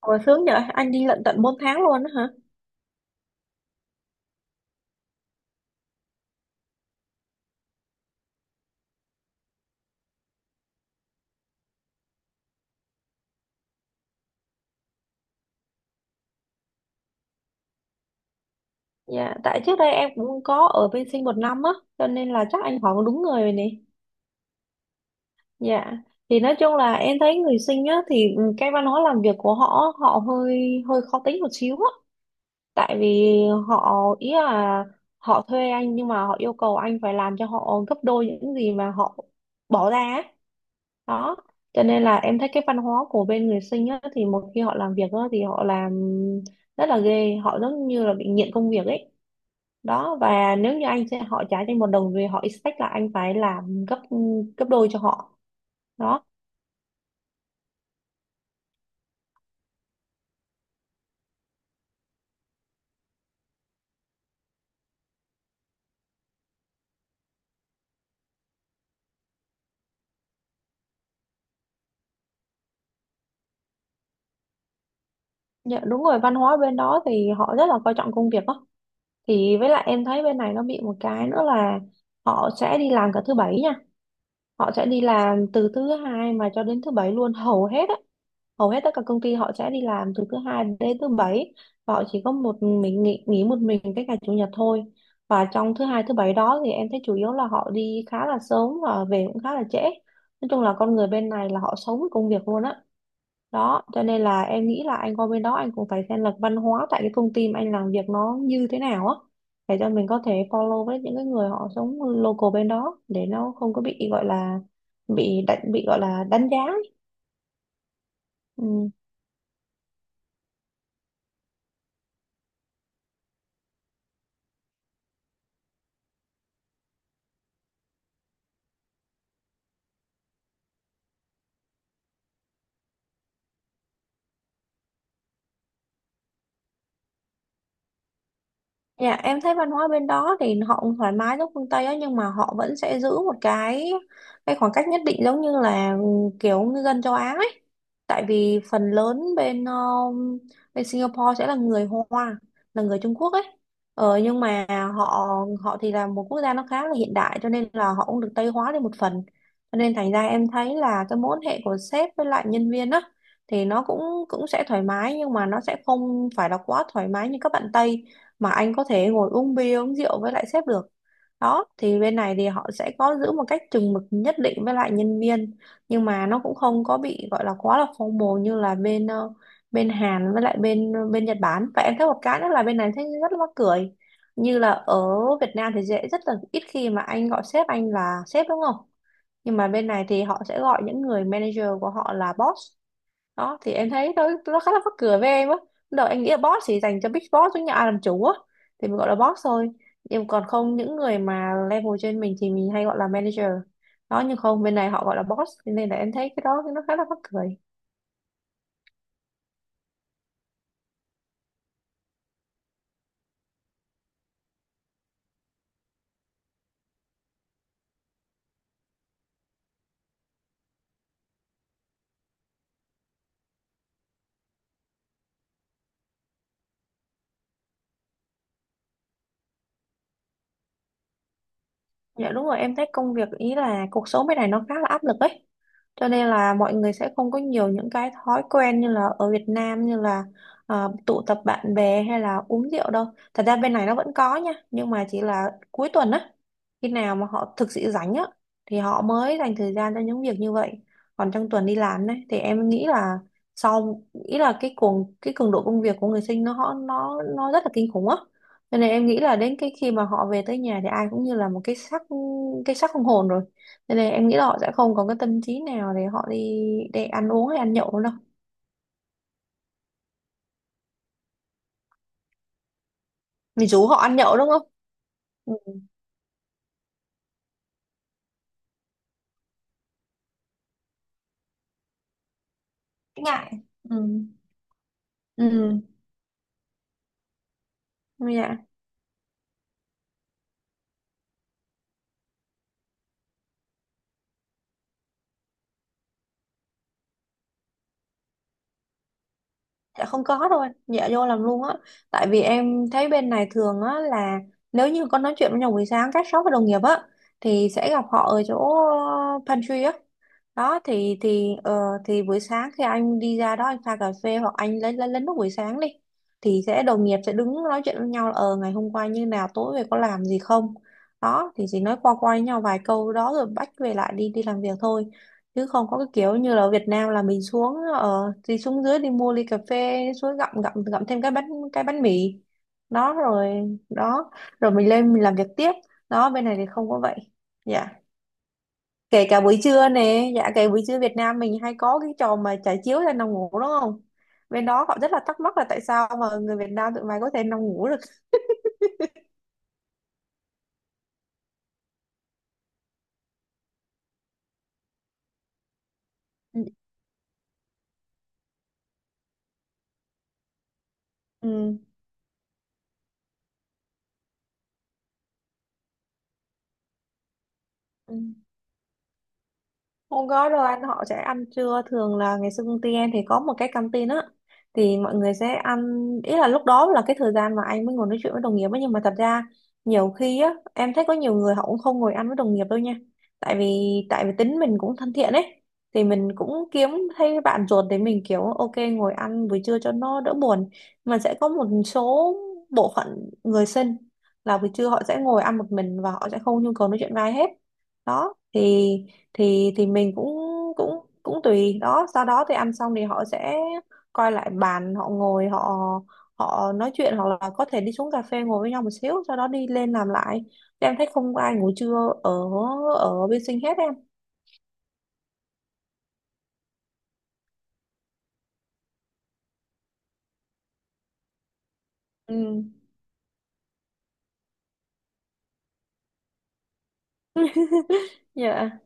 Ồ, sướng vậy, anh đi lận tận 4 tháng luôn á hả? Dạ, tại trước đây em cũng có ở bên Sinh 1 năm á, cho nên là chắc anh hỏi đúng người rồi nè. Dạ, thì nói chung là em thấy người Sinh á, thì cái văn hóa làm việc của họ hơi hơi khó tính một xíu á. Tại vì họ, ý là họ thuê anh nhưng mà họ yêu cầu anh phải làm cho họ gấp đôi những gì mà họ bỏ ra á. Đó cho nên là em thấy cái văn hóa của bên người Sinh á, thì một khi họ làm việc á, thì họ làm rất là ghê, họ giống như là bị nghiện công việc ấy. Đó, và nếu như anh sẽ họ trả cho anh 1 đồng thì họ expect là anh phải làm gấp gấp đôi cho họ đó. Dạ, đúng rồi, văn hóa bên đó thì họ rất là coi trọng công việc đó. Thì với lại em thấy bên này nó bị một cái nữa là họ sẽ đi làm cả thứ bảy nha. Họ sẽ đi làm từ thứ hai mà cho đến thứ bảy luôn hầu hết á, hầu hết tất cả công ty họ sẽ đi làm từ thứ hai đến thứ bảy, và họ chỉ có một mình nghỉ, một mình cái ngày chủ nhật thôi. Và trong thứ hai thứ bảy đó thì em thấy chủ yếu là họ đi khá là sớm và về cũng khá là trễ. Nói chung là con người bên này là họ sống với công việc luôn á. Đó cho nên là em nghĩ là anh qua bên đó anh cũng phải xem là văn hóa tại cái công ty mà anh làm việc nó như thế nào á, để cho mình có thể follow với những cái người họ sống local bên đó, để nó không có bị gọi là bị đánh bị gọi là đánh giá ấy. Ừ. Dạ em thấy văn hóa bên đó thì họ cũng thoải mái giống phương Tây á, nhưng mà họ vẫn sẽ giữ một cái khoảng cách nhất định, giống như là kiểu ngư dân châu Á ấy. Tại vì phần lớn bên Singapore sẽ là người Hoa, là người Trung Quốc ấy. Ờ, nhưng mà họ họ thì là một quốc gia nó khá là hiện đại cho nên là họ cũng được Tây hóa đi một phần. Cho nên thành ra em thấy là cái mối quan hệ của sếp với lại nhân viên á thì nó cũng cũng sẽ thoải mái, nhưng mà nó sẽ không phải là quá thoải mái như các bạn Tây mà anh có thể ngồi uống bia uống rượu với lại sếp được. Đó thì bên này thì họ sẽ có giữ một cách chừng mực nhất định với lại nhân viên, nhưng mà nó cũng không có bị gọi là quá là formal như là bên Hàn với lại bên Nhật Bản. Và em thấy một cái nữa là bên này thấy rất là mắc cười, như là ở Việt Nam thì dễ rất là ít khi mà anh gọi sếp anh là sếp đúng không, nhưng mà bên này thì họ sẽ gọi những người manager của họ là boss. Đó thì em thấy nó khá là mắc cười với em á, lúc đầu em nghĩ là boss chỉ dành cho big boss với nhà ai làm chủ á thì mình gọi là boss thôi, nhưng còn không những người mà level trên mình thì mình hay gọi là manager. Đó nhưng không bên này họ gọi là boss, cho nên là em thấy cái đó nó khá là mắc cười. Dạ đúng rồi, em thấy công việc ý là cuộc sống bên này nó khá là áp lực ấy. Cho nên là mọi người sẽ không có nhiều những cái thói quen như là ở Việt Nam như là tụ tập bạn bè hay là uống rượu đâu. Thật ra bên này nó vẫn có nha, nhưng mà chỉ là cuối tuần á, khi nào mà họ thực sự rảnh á thì họ mới dành thời gian cho những việc như vậy. Còn trong tuần đi làm đấy thì em nghĩ là sau ý là cái cường độ công việc của người sinh nó rất là kinh khủng á, cho nên em nghĩ là đến cái khi mà họ về tới nhà thì ai cũng như là một cái xác, không hồn rồi. Cho nên em nghĩ là họ sẽ không có cái tâm trí nào để họ đi để ăn uống hay ăn nhậu nữa đâu. Mình rủ họ ăn nhậu đúng không? Ừ, ngại. Ừ. Ừ. Dạ. Dạ không có đâu anh, dạ vô làm luôn á. Tại vì em thấy bên này thường á là nếu như có nói chuyện với nhau buổi sáng các shop và đồng nghiệp á thì sẽ gặp họ ở chỗ pantry á. Đó thì buổi sáng khi anh đi ra đó anh pha cà phê hoặc anh lấy nước buổi sáng đi thì sẽ đồng nghiệp sẽ đứng nói chuyện với nhau là ờ ngày hôm qua như nào tối về có làm gì không. Đó thì chỉ nói qua qua với nhau vài câu đó rồi bắt về lại đi đi làm việc thôi, chứ không có cái kiểu như là ở Việt Nam là mình xuống ở thì xuống dưới đi mua ly cà phê xuống gặm gặm gặm thêm cái bánh mì đó rồi đó mình lên mình làm việc tiếp. Đó bên này thì không có vậy, dạ. Kể cả buổi trưa nè, dạ buổi trưa Việt Nam mình hay có cái trò mà trải chiếu ra nằm ngủ đúng không, bên đó họ rất là thắc mắc là tại sao mà người Việt Nam tụi mày có thể nằm ngủ được. Ừ, ừ. Hôm có đâu anh, họ sẽ ăn trưa thường là ngày xưa công ty em thì có một cái canteen á thì mọi người sẽ ăn, ý là lúc đó là cái thời gian mà anh mới ngồi nói chuyện với đồng nghiệp ấy, nhưng mà thật ra nhiều khi á em thấy có nhiều người họ cũng không ngồi ăn với đồng nghiệp đâu nha. Tại vì tính mình cũng thân thiện ấy thì mình cũng kiếm thấy bạn ruột để mình kiểu ok ngồi ăn buổi trưa cho nó đỡ buồn. Mà sẽ có một số bộ phận người sinh là buổi trưa họ sẽ ngồi ăn một mình và họ sẽ không nhu cầu nói chuyện với ai hết. Đó thì mình cũng cũng cũng tùy. Đó sau đó thì ăn xong thì họ sẽ coi lại bàn họ ngồi, họ họ nói chuyện hoặc là có thể đi xuống cà phê ngồi với nhau một xíu, sau đó đi lên làm lại. Thì em thấy không có ai ngủ trưa ở ở bên sinh hết em. Ừ, dạ.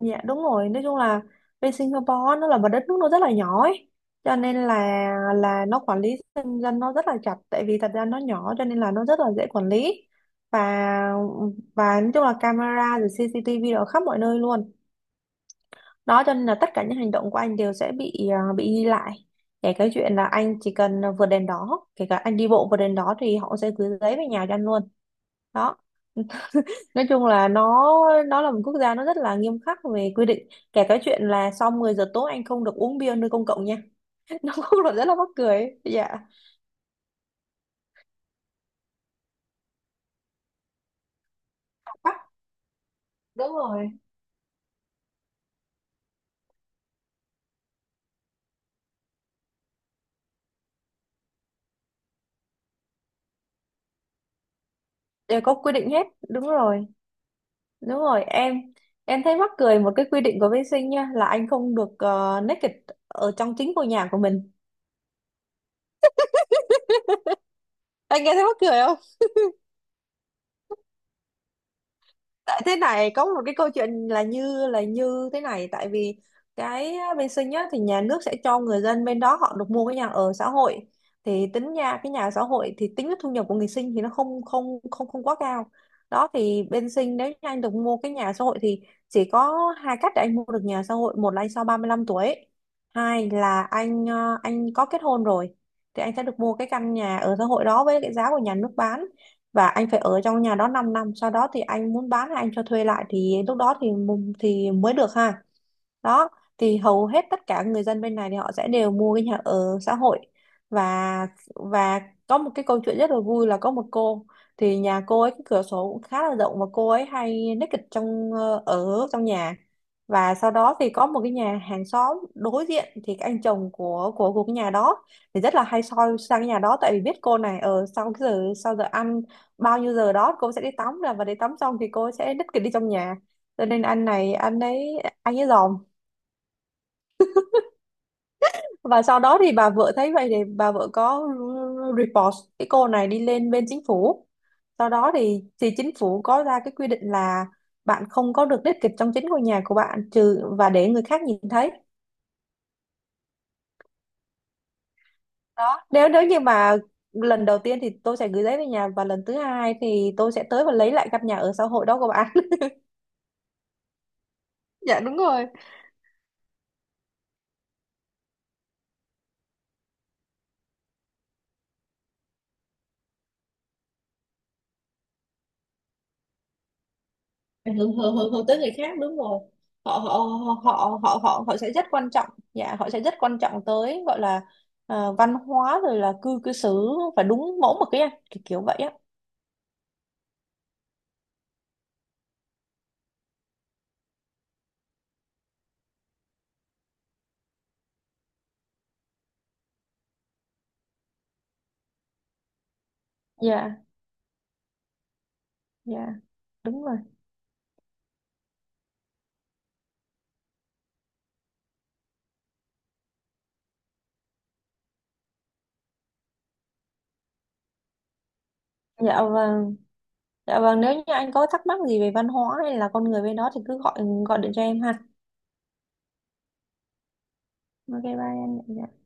Dạ đúng rồi, nói chung là bên Singapore nó là một đất nước nó rất là nhỏ ấy. Cho nên là nó quản lý dân dân nó rất là chặt, tại vì thật ra nó nhỏ cho nên là nó rất là dễ quản lý. Và và nói chung là camera rồi CCTV ở khắp mọi nơi luôn. Đó cho nên là tất cả những hành động của anh đều sẽ bị ghi lại. Kể cái chuyện là anh chỉ cần vượt đèn đỏ, kể cả anh đi bộ vượt đèn đỏ thì họ sẽ gửi giấy về nhà cho anh luôn. Đó nói chung là nó là một quốc gia nó rất là nghiêm khắc về quy định. Kể cái chuyện là sau 10 giờ tối anh không được uống bia nơi công cộng nha, nó cũng là rất là mắc cười ấy. Dạ. Bắc, đúng rồi, đều có quy định hết, đúng rồi, đúng rồi em. Em thấy mắc cười một cái quy định của bên Sinh nha là anh không được naked ở trong chính ngôi nhà của mình, anh nghe thấy mắc cười. Tại thế này có một cái câu chuyện là như thế này, tại vì cái bên Sinh á, thì nhà nước sẽ cho người dân bên đó họ được mua cái nhà ở xã hội. Thì tính nha cái nhà ở xã hội thì tính cái thu nhập của người Sinh thì nó không không không không quá cao. Đó thì bên Sinh nếu như anh được mua cái nhà ở xã hội thì chỉ có hai cách để anh mua được nhà ở xã hội, một là anh sau 35 tuổi, hai là anh anh có kết hôn rồi thì anh sẽ được mua cái căn nhà ở xã hội đó với cái giá của nhà nước bán. Và anh phải ở trong nhà đó 5 năm sau đó thì anh muốn bán hay anh cho thuê lại thì lúc đó thì mu- thì mới được ha. Đó thì hầu hết tất cả người dân bên này thì họ sẽ đều mua cái nhà ở xã hội. Và và có một cái câu chuyện rất là vui là có một cô thì nhà cô ấy cái cửa sổ cũng khá là rộng và cô ấy hay naked ở trong nhà. Và sau đó thì có một cái nhà hàng xóm đối diện thì cái anh chồng của cái nhà đó thì rất là hay soi sang cái nhà đó, tại vì biết cô này ở sau cái giờ sau giờ ăn bao nhiêu giờ đó cô sẽ đi tắm là và đi tắm xong thì cô sẽ đích kỷ đi trong nhà. Cho nên anh này anh ấy dòm. Và sau đó thì bà vợ thấy vậy thì bà vợ có report cái cô này đi lên bên chính phủ. Sau đó thì chính phủ có ra cái quy định là bạn không có được đích kịch trong chính ngôi nhà của bạn trừ và để người khác nhìn thấy. Đó nếu nếu như mà lần đầu tiên thì tôi sẽ gửi giấy về nhà, và lần thứ hai thì tôi sẽ tới và lấy lại căn nhà ở xã hội đó của bạn. dạ đúng rồi. Ảnh hưởng hưởng hưởng hưởng tới người khác, đúng rồi. Họ họ họ họ họ họ sẽ rất quan trọng. Dạ họ sẽ rất quan trọng tới gọi là văn hóa rồi là cư cư xử và đúng mẫu mực ấy anh, kiểu kiểu vậy á. Dạ. Dạ đúng rồi. Dạ vâng, dạ vâng, nếu như anh có thắc mắc gì về văn hóa hay là con người bên đó thì cứ gọi, điện cho em ha. Ok bye anh. Dạ.